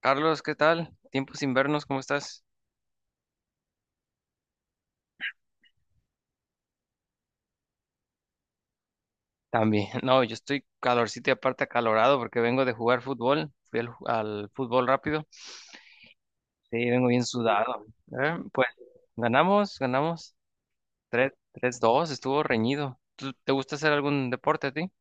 Carlos, ¿qué tal? Tiempo sin vernos, ¿cómo estás? También, no, yo estoy calorcito y aparte acalorado porque vengo de jugar fútbol, fui al fútbol rápido, sí, vengo bien sudado. Pues ganamos tres, dos. Estuvo reñido. ¿Te gusta hacer algún deporte a ti?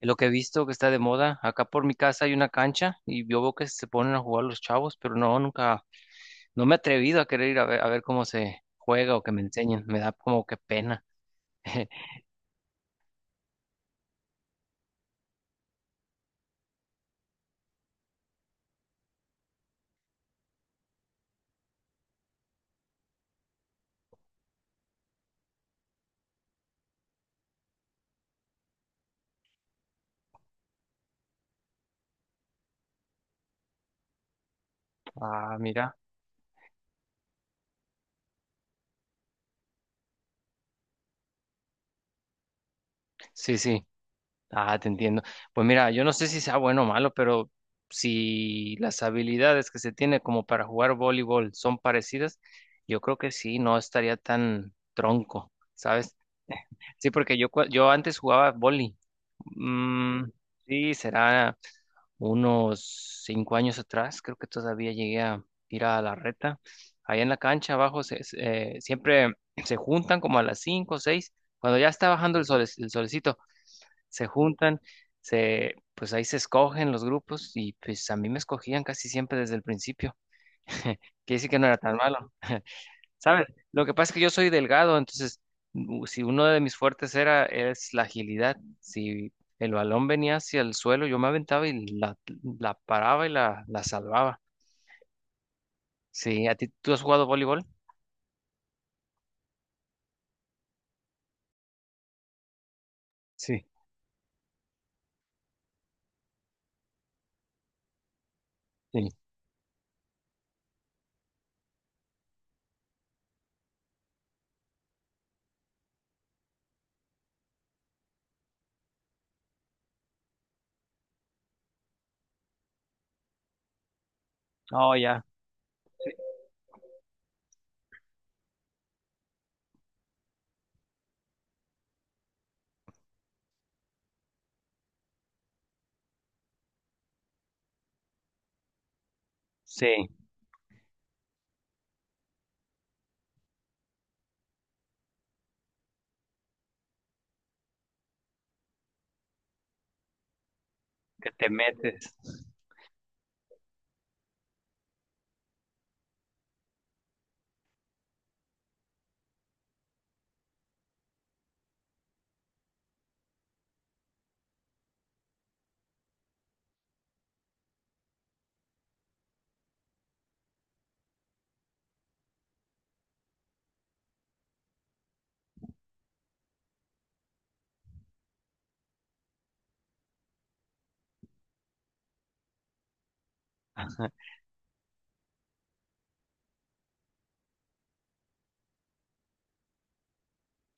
Lo que he visto que está de moda, acá por mi casa hay una cancha y yo veo que se ponen a jugar los chavos, pero no, nunca, no me he atrevido a querer ir a ver cómo se juega o que me enseñen, me da como que pena. Ah, mira, sí, sí. Ah, te entiendo. Pues mira, yo no sé si sea bueno o malo, pero si las habilidades que se tiene como para jugar voleibol son parecidas, yo creo que sí, no estaría tan tronco, ¿sabes? Sí, porque yo antes jugaba vóley. Mm, sí, será unos 5 años atrás, creo que todavía llegué a ir a la reta. Allá en la cancha abajo, siempre se juntan como a las cinco o seis, cuando ya está bajando el sol, el solecito se juntan, pues ahí se escogen los grupos y pues a mí me escogían casi siempre desde el principio. Quiere decir que no era tan malo. ¿Sabes? Lo que pasa es que yo soy delgado, entonces, si uno de mis fuertes era es la agilidad, si el balón venía hacia el suelo, yo me aventaba y la paraba y la salvaba. Sí, ¿a ti tú has jugado voleibol? Sí, sí. Oh, ya. Sí, que te metes.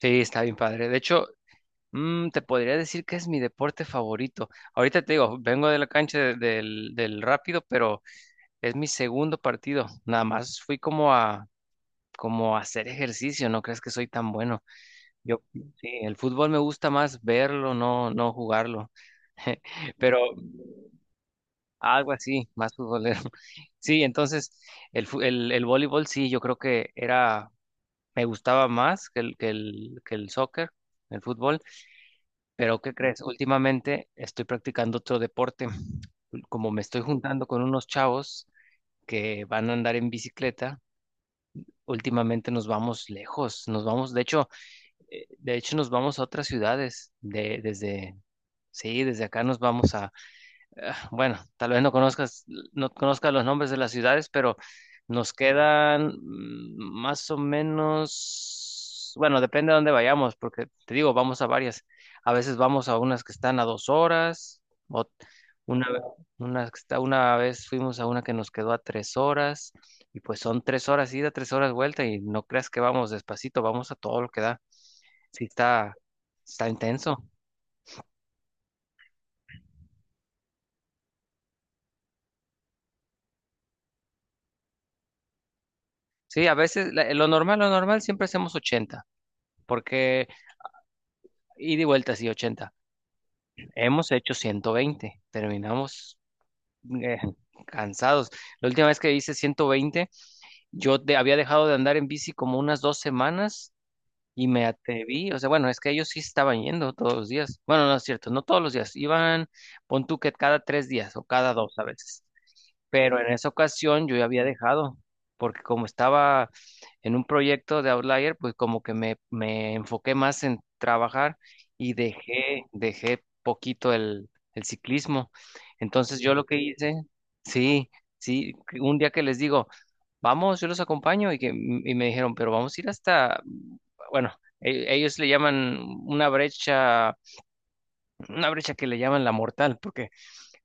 Sí, está bien padre. De hecho, te podría decir que es mi deporte favorito. Ahorita te digo, vengo de la cancha del Rápido, pero es mi segundo partido. Nada más fui como a, hacer ejercicio. ¿No crees que soy tan bueno? Yo, sí, el fútbol me gusta más verlo, no, no jugarlo. Pero algo así, más futbolero. Sí, entonces el voleibol, sí, yo creo que era, me gustaba más que el soccer, el fútbol. Pero, ¿qué crees? Últimamente estoy practicando otro deporte. Como me estoy juntando con unos chavos que van a andar en bicicleta, últimamente nos vamos lejos. Nos vamos, de hecho nos vamos a otras ciudades. Sí, desde acá nos vamos a, ah, bueno, tal vez no conozcas los nombres de las ciudades, pero nos quedan, más o menos, bueno, depende de dónde vayamos, porque te digo, vamos a varias. A veces vamos a unas que están a 2 horas, o una, ve- una vez fuimos a una que nos quedó a 3 horas, y pues son 3 horas ida, 3 horas vuelta, y no creas que vamos despacito, vamos a todo lo que da. Sí, está intenso. Sí, a veces lo normal siempre hacemos 80, porque... Y de vuelta, sí, 80. Hemos hecho 120. Terminamos, eh, cansados. La última vez que hice 120, yo había dejado de andar en bici como unas 2 semanas y me atreví. O sea, bueno, es que ellos sí estaban yendo todos los días. Bueno, no es cierto, no todos los días. Iban, pon tú que cada 3 días o cada dos a veces. Pero en esa ocasión yo ya había dejado, porque como estaba en un proyecto de Outlier, pues como que me enfoqué más en trabajar y dejé poquito el ciclismo. Entonces, yo lo que hice, sí, sí, que un día que les digo, vamos, yo los acompaño, y me dijeron, pero vamos a ir hasta, bueno, ellos le llaman una brecha, una brecha, que le llaman la mortal, porque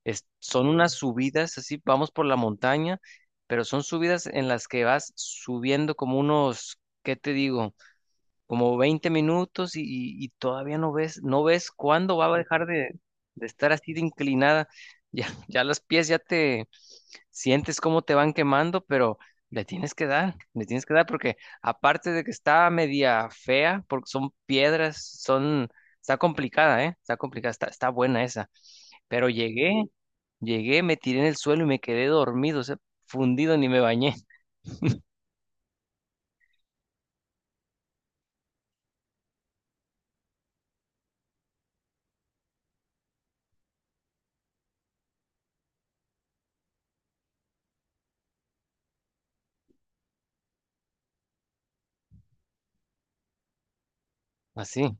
son unas subidas así, vamos por la montaña, pero son subidas en las que vas subiendo como unos, ¿qué te digo? Como 20 minutos, y todavía no ves cuándo va a dejar de estar así de inclinada. Ya, ya los pies, ya te sientes cómo te van quemando, pero le tienes que dar, le tienes que dar, porque aparte de que está media fea, porque son piedras, está complicada, ¿eh? Está complicada, está buena esa. Pero llegué, me tiré en el suelo y me quedé dormido, o sea, fundido, ni me bañé. Así.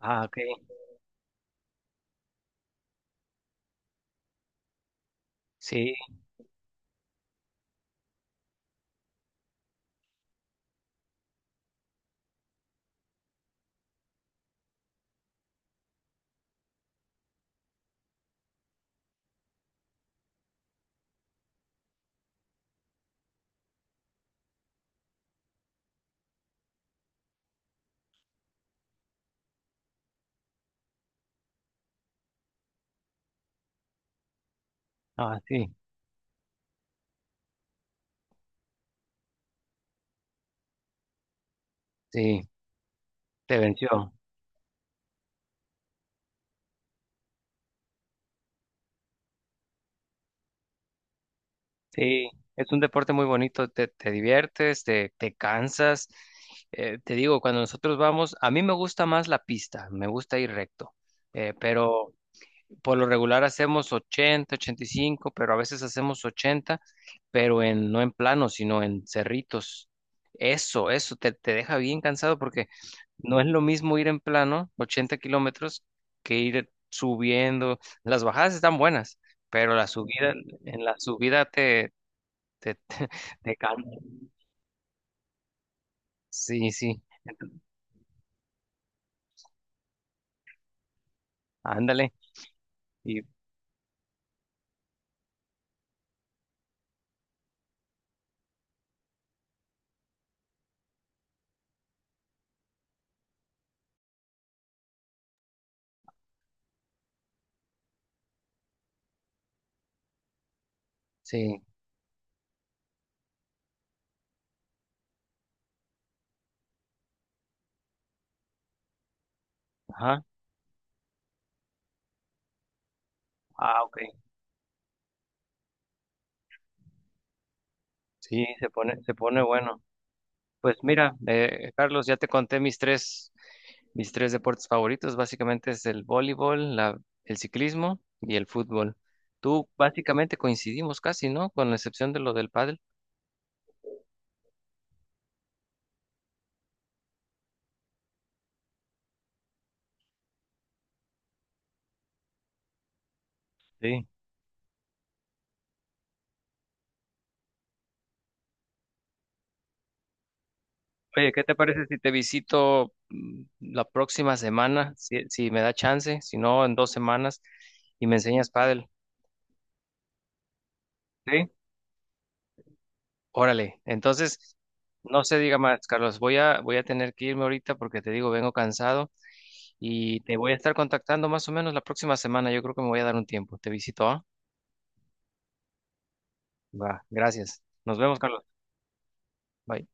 Ah, ok. Sí, ah, sí, sí, te venció. Sí, es un deporte muy bonito, te diviertes, te cansas. Te digo, cuando nosotros vamos, a mí me gusta más la pista, me gusta ir recto, pero por lo regular hacemos 80, 85, pero a veces hacemos 80, pero no en plano, sino en cerritos. Eso te deja bien cansado, porque no es lo mismo ir en plano, 80 kilómetros, que ir subiendo. Las bajadas están buenas, pero la subida, en la subida te, te, te cansa. Sí, sí, ándale. Y sí, ajá. Ah, ok. Sí, se pone bueno. Pues mira, Carlos, ya te conté mis tres deportes favoritos. Básicamente es el voleibol, el ciclismo y el fútbol. Tú básicamente coincidimos casi, ¿no? Con la excepción de lo del pádel. Sí. Oye, ¿qué te parece si te visito, la próxima semana? Si me da chance, si no, en 2 semanas, y me enseñas pádel. ¿Sí? Órale. Entonces, no se diga más, Carlos. Voy a tener que irme ahorita porque te digo, vengo cansado y te voy a estar contactando más o menos la próxima semana. Yo creo que me voy a dar un tiempo. Te visito, ¿ah? Va, gracias. Nos vemos, Carlos. Bye.